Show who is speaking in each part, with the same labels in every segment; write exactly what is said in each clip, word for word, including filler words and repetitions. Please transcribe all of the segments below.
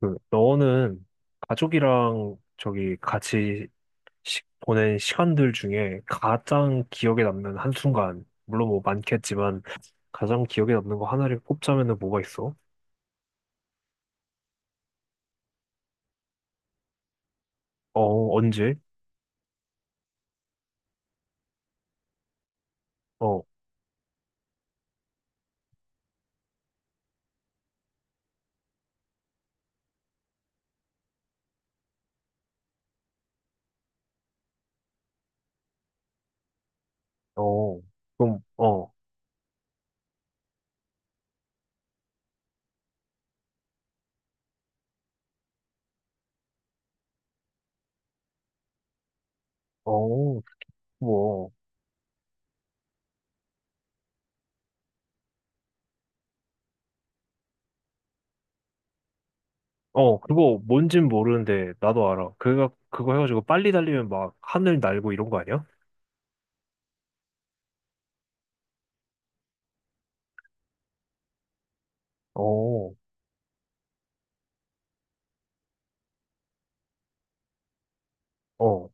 Speaker 1: 그, 너는 가족이랑 저기 같이 시- 보낸 시간들 중에 가장 기억에 남는 한순간, 물론 뭐 많겠지만, 가장 기억에 남는 거 하나를 꼽자면은 뭐가 있어? 어, 언제? 어, 어, 그럼, 어, 어, 뭐, 어, 그거 뭔진 모르는데, 나도 알아. 그거, 그거 해가지고 빨리 달리면 막 하늘 날고 이런 거 아니야? 어, 어,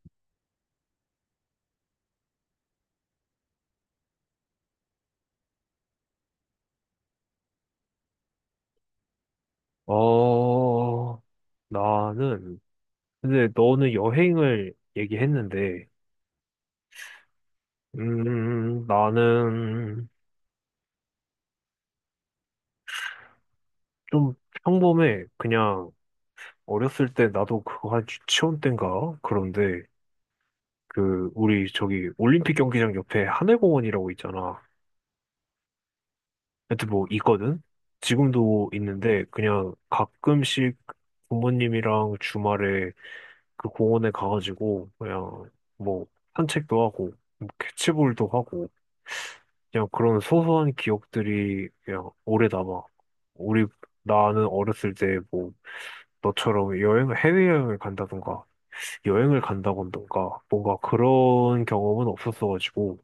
Speaker 1: 어, 나는, 근데 너는 여행을 얘기했는데, 음, 나는 좀 평범해. 그냥 어렸을 때 나도 그거 한 유치원 땐가? 그런데 그 우리 저기 올림픽 경기장 옆에 하늘공원이라고 있잖아. 하여튼 뭐 있거든? 지금도 있는데 그냥 가끔씩 부모님이랑 주말에 그 공원에 가가지고 그냥 뭐 산책도 하고 뭐 캐치볼도 하고 그냥 그런 소소한 기억들이 그냥 오래 남아. 우리, 나는 어렸을 때 뭐, 너처럼 여행, 해외여행을 간다던가, 여행을 간다던가, 뭔가 그런 경험은 없었어가지고,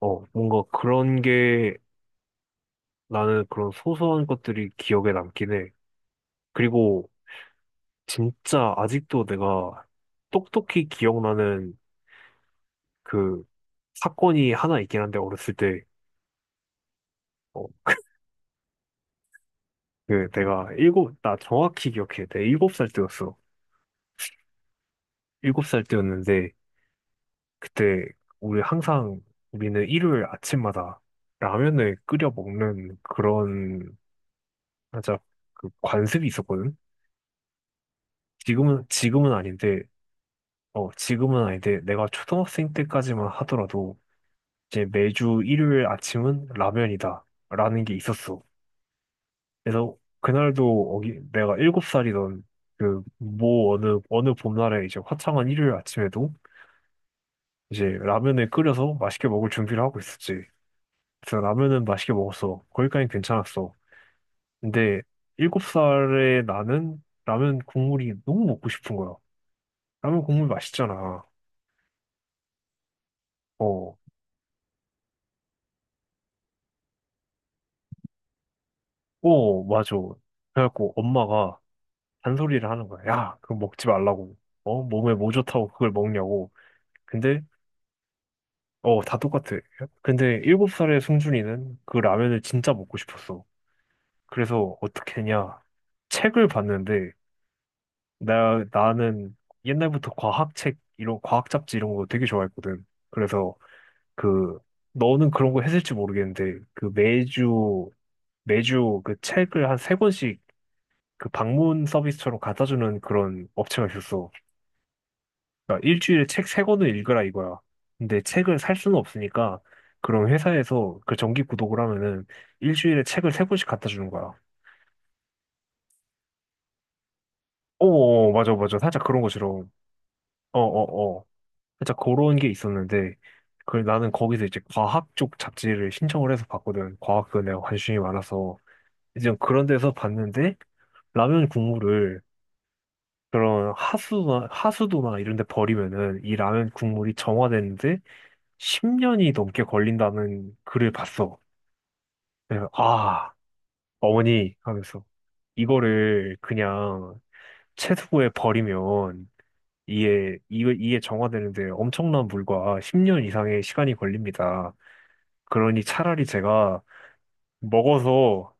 Speaker 1: 어, 뭔가 그런 게 나는 그런 소소한 것들이 기억에 남긴 해. 그리고 진짜 아직도 내가 똑똑히 기억나는 그 사건이 하나 있긴 한데, 어렸을 때, 어, 그 내가 일곱, 나 정확히 기억해. 내가 일곱 살 때였어. 일곱 살 때였는데 그때 우리 항상 우리는 일요일 아침마다 라면을 끓여 먹는 그런 하자 그 관습이 있었거든. 지금은 지금은 아닌데 어 지금은 아닌데 내가 초등학생 때까지만 하더라도 이제 매주 일요일 아침은 라면이다라는 게 있었어. 그래서 그날도 어기 내가 일곱 살이던 그 뭐 어느 어느 봄날에 이제 화창한 일요일 아침에도 이제 라면을 끓여서 맛있게 먹을 준비를 하고 있었지. 그래서 라면은 맛있게 먹었어. 거기까지 괜찮았어. 근데 일곱 살에 나는 라면 국물이 너무 먹고 싶은 거야. 라면 국물 맛있잖아. 어, 어, 맞아. 그래갖고 엄마가 잔소리를 하는 거야. 야, 그거 먹지 말라고. 어, 몸에 뭐 좋다고 그걸 먹냐고. 근데, 어, 다 똑같아. 근데 일곱 살의 승준이는 그 라면을 진짜 먹고 싶었어. 그래서 어떻게 했냐. 책을 봤는데 나, 나는 옛날부터 과학책, 이런, 과학 잡지 이런 거 되게 좋아했거든. 그래서 그, 너는 그런 거 했을지 모르겠는데, 그 매주, 매주 그 책을 한 세 권씩 그 방문 서비스처럼 갖다 주는 그런 업체가 있었어. 그러니까 일주일에 책 세 권을 읽으라 이거야. 근데 책을 살 수는 없으니까, 그런 회사에서 그 정기 구독을 하면은 일주일에 책을 세 권씩 갖다 주는 거야. 어 어, 어, 맞아, 맞아. 살짝 그런 거 싫어. 어어어. 살짝 그런 게 있었는데, 그 나는 거기서 이제 과학 쪽 잡지를 신청을 해서 봤거든. 과학도 내가 관심이 많아서. 이제 그런 데서 봤는데, 라면 국물을 그런 하수나, 하수도나 이런 데 버리면은 이 라면 국물이 정화되는데 십 년이 넘게 걸린다는 글을 봤어. 그래서 아, 어머니 하면서 이거를 그냥 채소에 버리면 이게, 이게 이게 정화되는데 엄청난 물과 십 년 이상의 시간이 걸립니다. 그러니 차라리 제가 먹어서,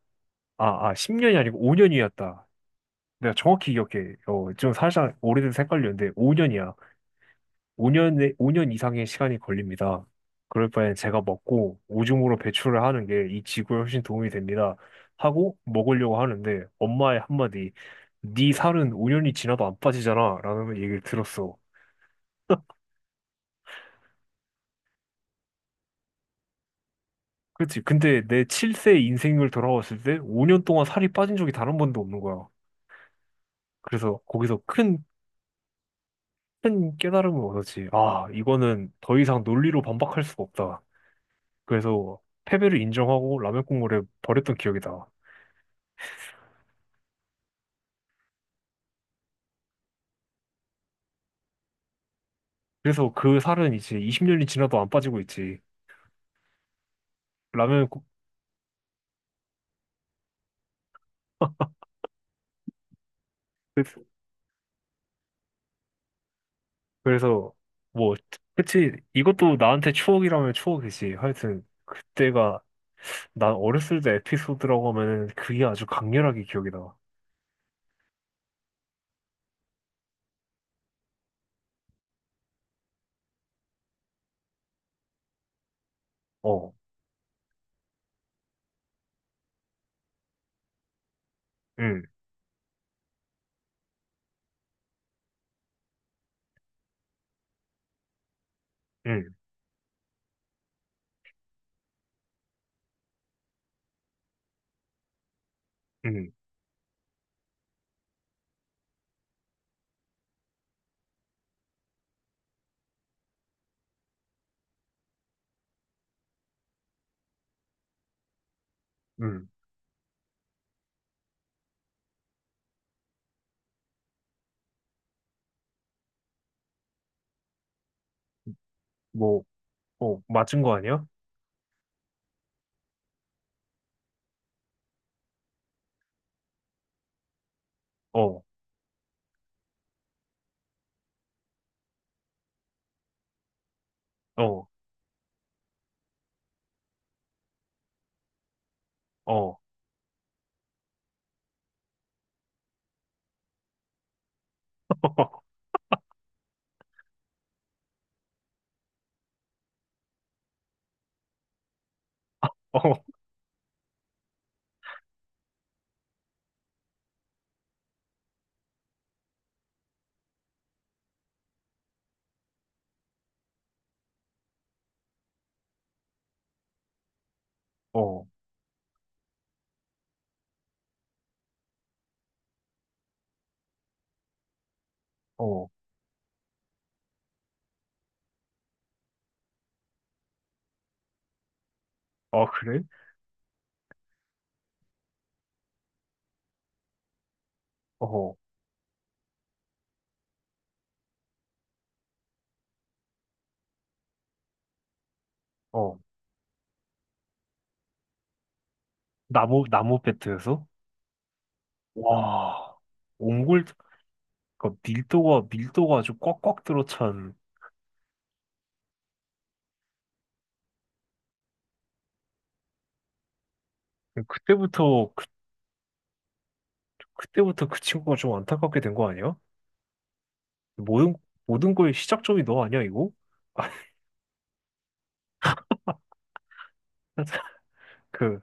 Speaker 1: 아, 아, 십 년이 아니고 오 년이었다. 내가 정확히 기억해. 어, 좀 살짝 오래돼서 헷갈렸는데, 오 년이야. 오 년, 오년 오 년 이상의 시간이 걸립니다. 그럴 바엔 제가 먹고 오줌으로 배출을 하는 게 이 지구에 훨씬 도움이 됩니다. 하고 먹으려고 하는데, 엄마의 한마디, 네 살은 오 년이 지나도 안 빠지잖아. 라는 얘기를 들었어. 그치. 근데 내 칠 세 인생을 돌아봤을 때 오 년 동안 살이 빠진 적이 단 한 번도 없는 거야. 그래서 거기서 큰 큰 깨달음을 얻었지. 아, 이거는 더 이상 논리로 반박할 수가 없다. 그래서 패배를 인정하고 라면 국물에 버렸던 기억이다. 그래서 그 살은 이제 이십 년이 지나도 안 빠지고 있지. 라면 국, 그래서 그래서 뭐, 그치. 이것도 나한테 추억이라면 추억이지. 하여튼, 그때가 난 어렸을 때 에피소드라고 하면은 그게 아주 강렬하게 기억이다. 어, 응, 응, 응, 응. 뭐, 어, 맞은 거 아니야? 어, 어, 어, 어. 어. 어, 아, 그래? 어, 어, 나무, 나무 배트에서? 와, 옹골, 그 밀도가, 밀도가 아주 꽉꽉 들어찬, 그때부터, 그, 그때부터 그 친구가 좀 안타깝게 된 거 아니야? 모든, 모든 거의 시작점이 너 아니야, 이거? 그,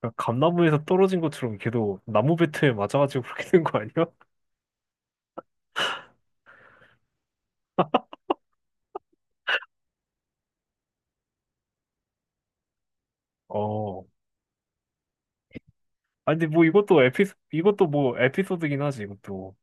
Speaker 1: 그 감나무에서 떨어진 것처럼 걔도 나무 배트에 맞아가지고 그렇게 된 거 아니야? 어, 아니, 근데 뭐 이것도 에피, 이것도 뭐 에피소드긴 하지, 이것도.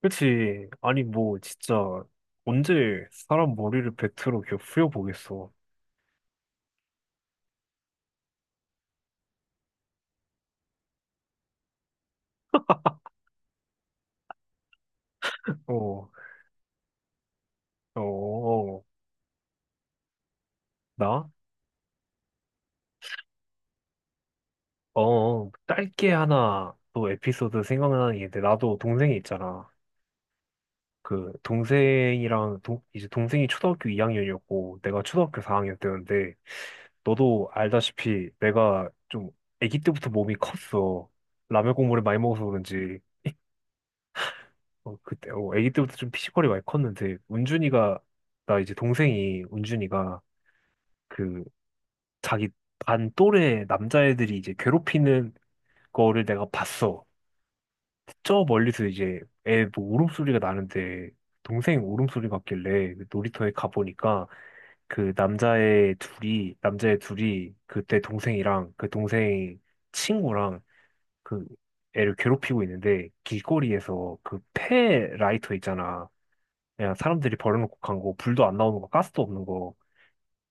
Speaker 1: 그치. 아니, 뭐, 진짜, 언제 사람 머리를 팩트로 이렇게 후려보겠어. 어, 어, 어, 나? 어, 어. 짧게 하나 또 에피소드 생각나는 게 있는데, 나도 동생이 있잖아. 그, 동생이랑, 동, 이제 동생이 초등학교 이 학년이었고, 내가 초등학교 사 학년 때였는데, 너도 알다시피 내가 좀 아기 때부터 몸이 컸어. 라면 국물을 많이 먹어서 그런지. 어, 그때, 어, 아기 때부터 좀 피지컬이 많이 컸는데, 운준이가, 나 이제 동생이, 운준이가, 그, 자기 반 또래 남자애들이 이제 괴롭히는 거를 내가 봤어. 저 멀리서 이제 애뭐 울음소리가 나는데, 동생 울음소리 같길래 놀이터에 가보니까, 그 남자애 둘이, 남자애 둘이, 그때 동생이랑, 그 동생 친구랑, 그 애를 괴롭히고 있는데, 길거리에서 그 폐 라이터 있잖아. 그냥 사람들이 버려놓고 간 거, 불도 안 나오는 거, 가스도 없는 거.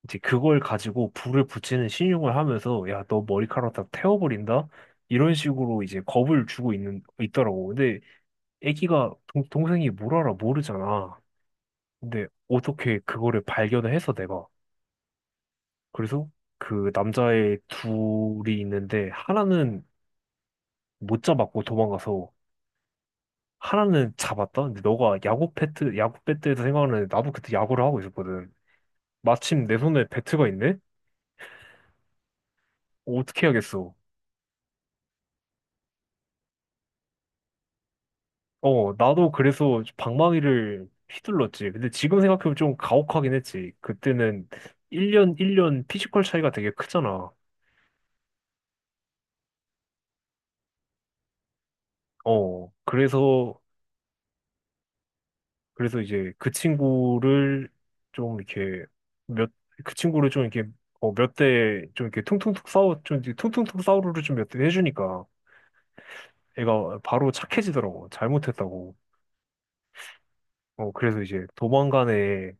Speaker 1: 이제 그걸 가지고 불을 붙이는 신용을 하면서, 야, 너 머리카락 다 태워버린다? 이런 식으로 이제 겁을 주고 있는, 있더라고. 근데 애기가, 동, 동생이 뭘 알아, 모르잖아. 근데 어떻게 그거를 발견을 해서 내가. 그래서 그 남자의 둘이 있는데, 하나는 못 잡았고 도망가서, 하나는 잡았다? 근데 너가 야구 배트, 야구 배트에서 생각하는, 나도 그때 야구를 하고 있었거든. 마침 내 손에 배트가 있네? 어떻게 해야겠어? 어, 나도 그래서 방망이를 휘둘렀지. 근데 지금 생각해보면 좀 가혹하긴 했지. 그때는 일 년, 일 년 피지컬 차이가 되게 크잖아. 어, 그래서, 그래서 이제 그 친구를 좀 이렇게 몇, 그 친구를 좀 이렇게 어, 몇 대 좀 이렇게 퉁퉁퉁 싸워, 좀 이렇게 퉁퉁퉁 싸우루를 좀 몇 대 해주니까 애가 바로 착해지더라고. 잘못했다고. 어, 그래서 이제 도망간에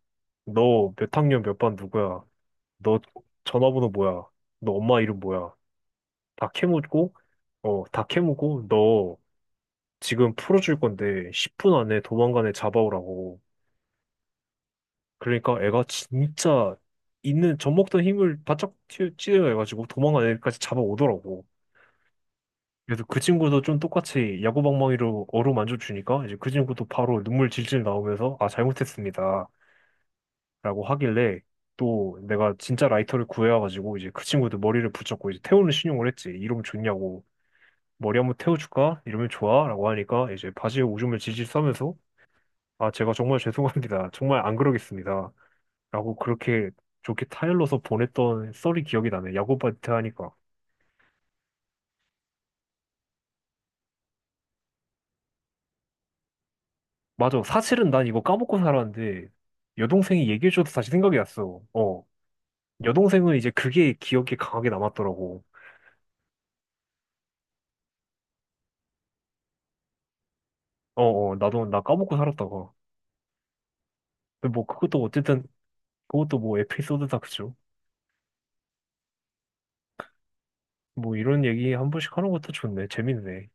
Speaker 1: 너 몇 학년 몇 반 누구야? 너 전화번호 뭐야? 너 엄마 이름 뭐야? 다 캐묻고, 어, 다 캐묻고, 너 지금 풀어줄 건데 십 분 안에 도망간에 잡아오라고. 그러니까 애가 진짜 있는 젖먹던 힘을 바짝 찌- 찌려가지고 도망간 애까지 잡아오더라고. 그래서 그 친구도 좀 똑같이 야구방망이로 어루만져 주니까 이제 그 친구도 바로 눈물 질질 나오면서 아, 잘못했습니다. 라고 하길래 또 내가 진짜 라이터를 구해와가지고 이제 그 친구도 머리를 붙잡고 이제 태우는 신용을 했지. 이러면 좋냐고. 머리 한번 태워줄까? 이러면 좋아? 라고 하니까 이제 바지에 오줌을 질질 싸면서 아, 제가 정말 죄송합니다. 정말 안 그러겠습니다. 라고 그렇게 좋게 타일러서 보냈던 썰이 기억이 나네. 야구바이트 하니까. 맞아. 사실은 난 이거 까먹고 살았는데 여동생이 얘기해줘서 다시 생각이 났어. 어. 여동생은 이제 그게 기억에 강하게 남았더라고. 어어. 나도 나 까먹고 살았다가. 근데 뭐 그것도 어쨌든 그것도 뭐 에피소드다 그죠? 뭐 이런 얘기 한 번씩 하는 것도 좋네. 재밌네.